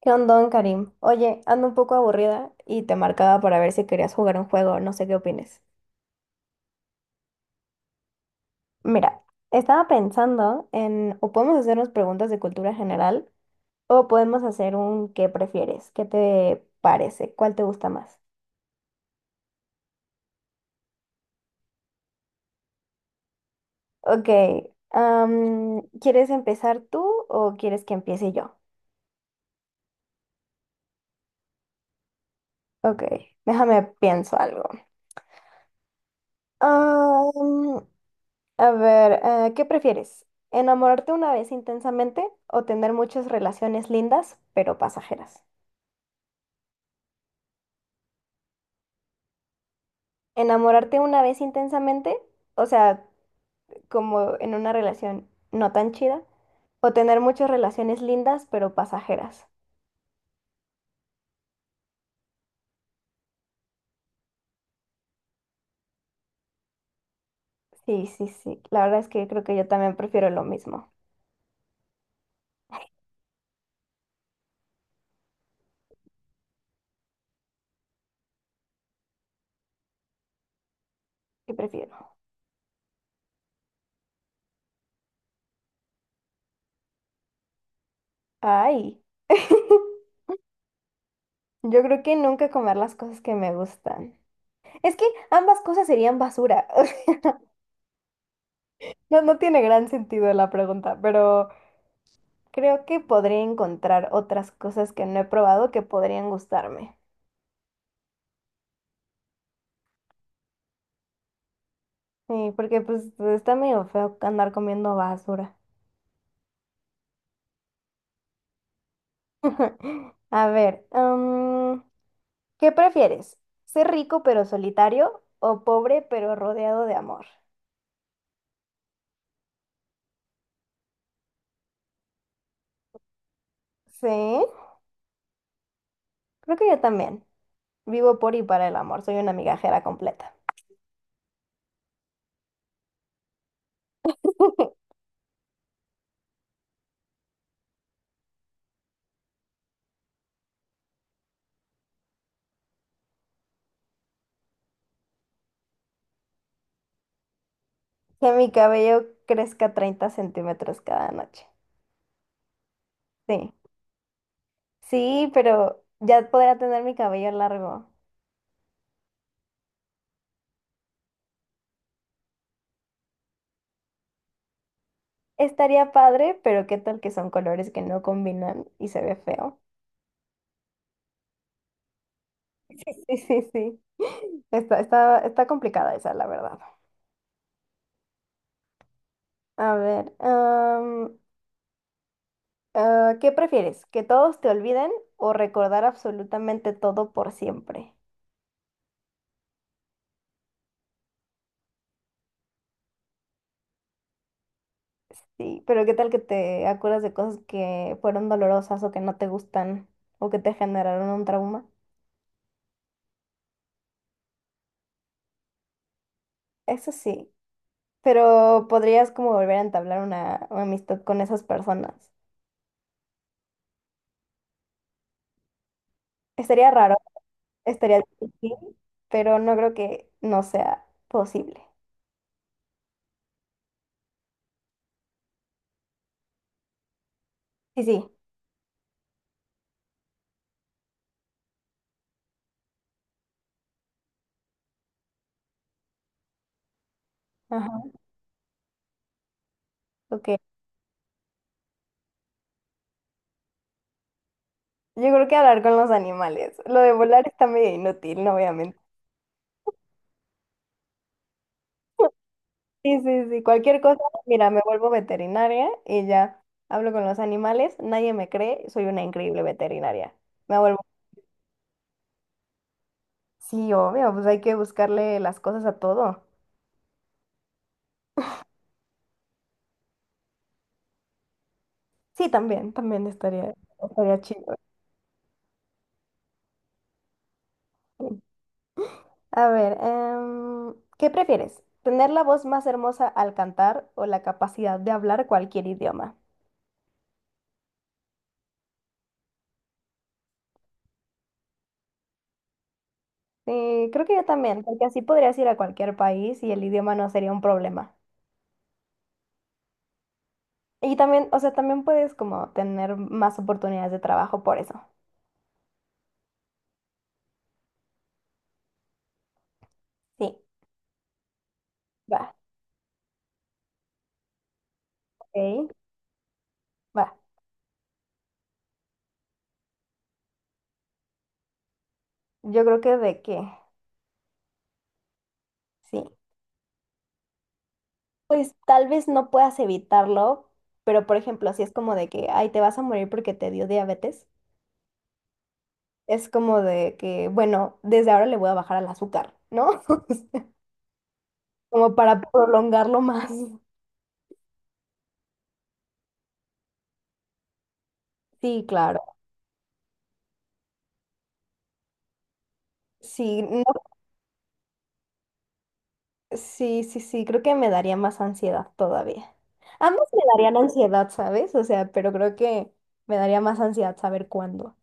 ¿Qué onda, Karim? Oye, ando un poco aburrida y te marcaba para ver si querías jugar un juego, no sé qué opines. Mira, estaba pensando en o podemos hacernos preguntas de cultura general o podemos hacer un ¿qué prefieres? ¿Qué te parece? ¿Cuál te gusta más? Ok, ¿quieres empezar tú o quieres que empiece yo? Ok, déjame pienso algo. A ver, ¿qué prefieres? ¿Enamorarte una vez intensamente o tener muchas relaciones lindas pero pasajeras? ¿Enamorarte una vez intensamente? O sea, como en una relación no tan chida. ¿O tener muchas relaciones lindas pero pasajeras? Sí, sí, sí. La verdad es que creo que yo también prefiero lo mismo. ¿Qué prefiero? Ay. Yo creo que nunca comer las cosas que me gustan. Es que ambas cosas serían basura. No, no tiene gran sentido la pregunta, pero... Creo que podría encontrar otras cosas que no he probado que podrían gustarme. Sí, porque pues está medio feo andar comiendo basura. A ver, mm, ¿qué prefieres? ¿Ser rico pero solitario o pobre pero rodeado de amor? Sí, creo que yo también. Vivo por y para el amor, soy una migajera completa. Que mi cabello crezca 30 centímetros cada noche. Sí, sí, pero ya podría tener mi cabello largo. Estaría padre, pero qué tal que son colores que no combinan y se ve feo. Sí, sí, sí, sí. Está complicada esa, la verdad. A ver, ¿qué prefieres? ¿Que todos te olviden o recordar absolutamente todo por siempre? Sí, pero qué tal que te acuerdas de cosas que fueron dolorosas o que no te gustan o que te generaron un trauma. Eso sí, pero podrías como volver a entablar una amistad con esas personas. Estaría raro. Estaría difícil, pero no creo que no sea posible. Sí, sí. Ajá, ok. Yo creo que hablar con los animales. Lo de volar está medio inútil, no voy a mentir. Sí, sí, sí. Cualquier cosa, mira, me vuelvo veterinaria y ya hablo con los animales. Nadie me cree, soy una increíble veterinaria. Me vuelvo. Sí, obvio, pues hay que buscarle las cosas a todo. Sí, también, también estaría, estaría chido. A ver, ¿qué prefieres? ¿Tener la voz más hermosa al cantar o la capacidad de hablar cualquier idioma? Sí, creo que yo también, porque así podrías ir a cualquier país y el idioma no sería un problema. Y también, o sea, también puedes como tener más oportunidades de trabajo por eso. Sí, va, ok, va. Yo creo que de que, sí. Pues tal vez no puedas evitarlo, pero por ejemplo, si es como de que, ay, te vas a morir porque te dio diabetes. Es como de que, bueno, desde ahora le voy a bajar al azúcar, ¿no? Como para prolongarlo más. Sí, claro. Sí, no- sí, sí, sí, creo que me daría más ansiedad todavía. Ambos me darían ansiedad, ¿sabes? O sea, pero creo que me daría más ansiedad saber cuándo.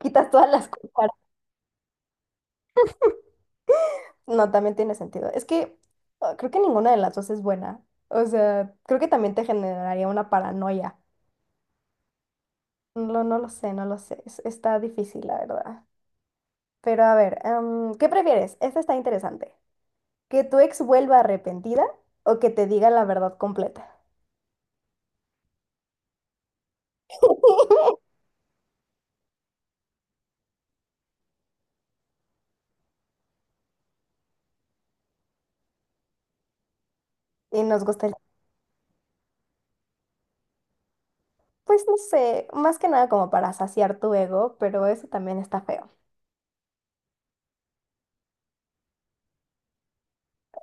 Quitas todas las cosas. No, también tiene sentido. Es que creo que ninguna de las dos es buena. O sea, creo que también te generaría una paranoia. No, no lo sé, no lo sé. Está difícil, la verdad. Pero a ver, ¿qué prefieres? Esta está interesante. ¿Que tu ex vuelva arrepentida o que te diga la verdad completa? Y nos gusta el... Pues no sé, más que nada como para saciar tu ego, pero eso también está feo.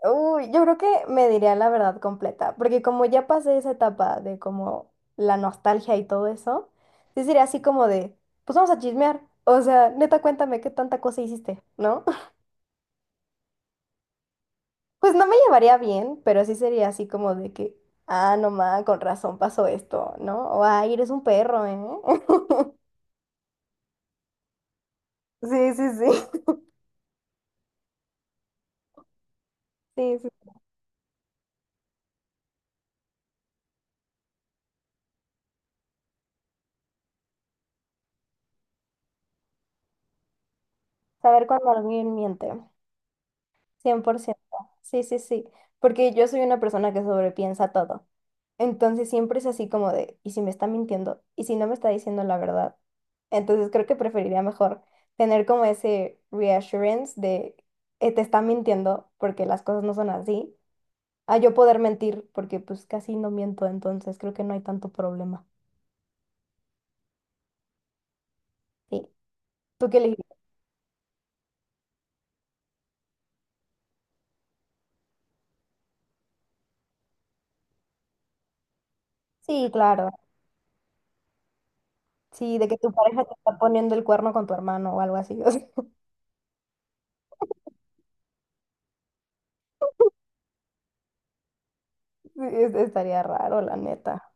Uy, yo creo que me diría la verdad completa, porque como ya pasé esa etapa de como la nostalgia y todo eso, sí sería así como de, pues vamos a chismear. O sea, neta, cuéntame qué tanta cosa hiciste, ¿no? Pues no me llevaría bien, pero sí sería así como de que, ah, no ma, con razón pasó esto, ¿no? O, ay, eres un perro, ¿eh? Sí, sí, sí. Sí, sí. Saber cuando alguien miente, 100%. Sí, sí, sí. Porque yo soy una persona que sobrepiensa todo. Entonces siempre es así como de, ¿y si me está mintiendo? ¿Y si no me está diciendo la verdad? Entonces creo que preferiría mejor tener como ese reassurance de, te está mintiendo porque las cosas no son así a yo poder mentir, porque pues casi no miento, entonces creo que no hay tanto problema. Sí. ¿Tú qué elegiste? Sí, claro. Sí, de que tu pareja te está poniendo el cuerno con tu hermano o algo así. O sea, estaría raro, la neta.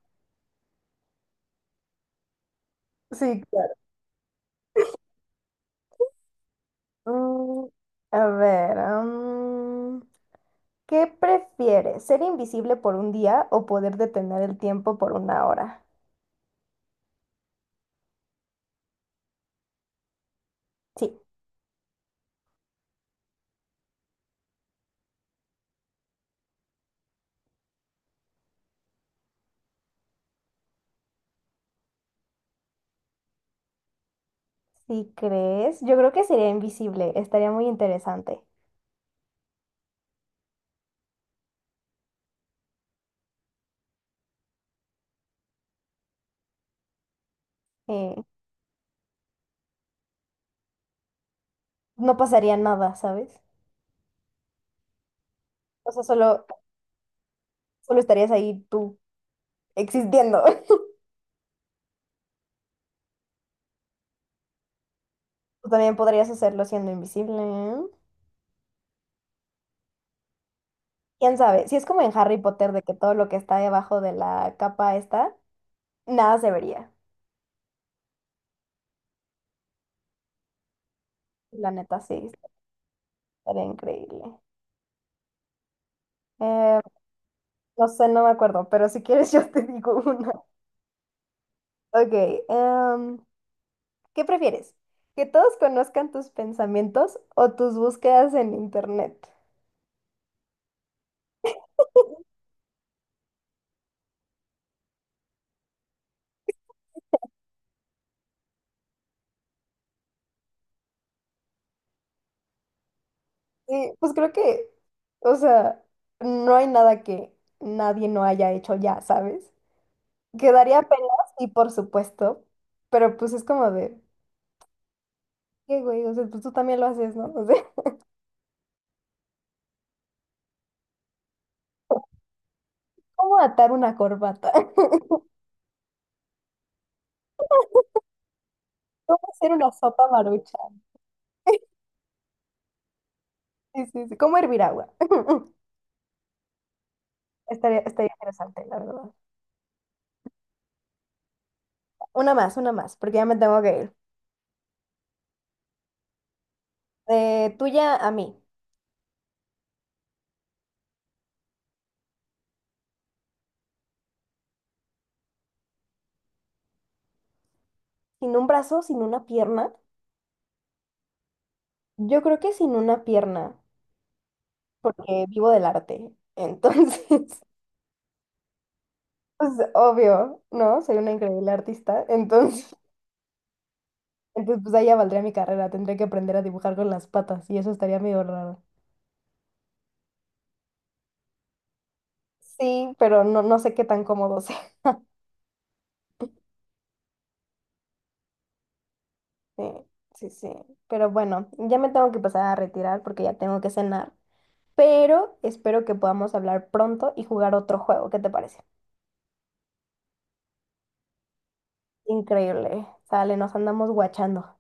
Sí, claro. Mm, a ver, mm, ¿qué prefieres? ¿Ser invisible por un día o poder detener el tiempo por una hora? Sí, si crees, yo creo que sería invisible, estaría muy interesante. eh, no pasaría nada, ¿sabes? O sea, solo Solo estarías ahí tú existiendo. Tú también podrías hacerlo siendo invisible. ¿Quién sabe? Si es como en Harry Potter de que todo lo que está debajo de la capa está, nada se vería. La neta, sí, estaría increíble. Eh, no sé, no me acuerdo, pero si quieres yo te digo una. Ok, em, ¿qué prefieres? ¿Que todos conozcan tus pensamientos o tus búsquedas en internet? Sí, pues creo que, o sea, no hay nada que nadie no haya hecho ya, ¿sabes? Quedaría pelas, y por supuesto, pero pues es como de, qué güey, o sea, pues tú también lo haces, ¿no? O sea, ¿cómo atar una corbata? ¿Cómo hacer una sopa marucha? Sí, sí, sí. ¿Cómo hervir agua? Estaría interesante, la verdad. Una más, porque ya me tengo que ir. Tuya a mí. Sin un brazo, sin una pierna. Yo creo que sin una pierna, porque vivo del arte. Entonces, pues obvio, ¿no? Soy una increíble artista. Entonces, entonces, pues ahí ya valdría mi carrera, tendría que aprender a dibujar con las patas y eso estaría medio raro. Sí, pero no, no sé qué tan cómodo sea. Sí, sí, sí. Pero bueno, ya me tengo que pasar a retirar porque ya tengo que cenar. Pero espero que podamos hablar pronto y jugar otro juego. ¿Qué te parece? Increíble. Sale, nos andamos guachando.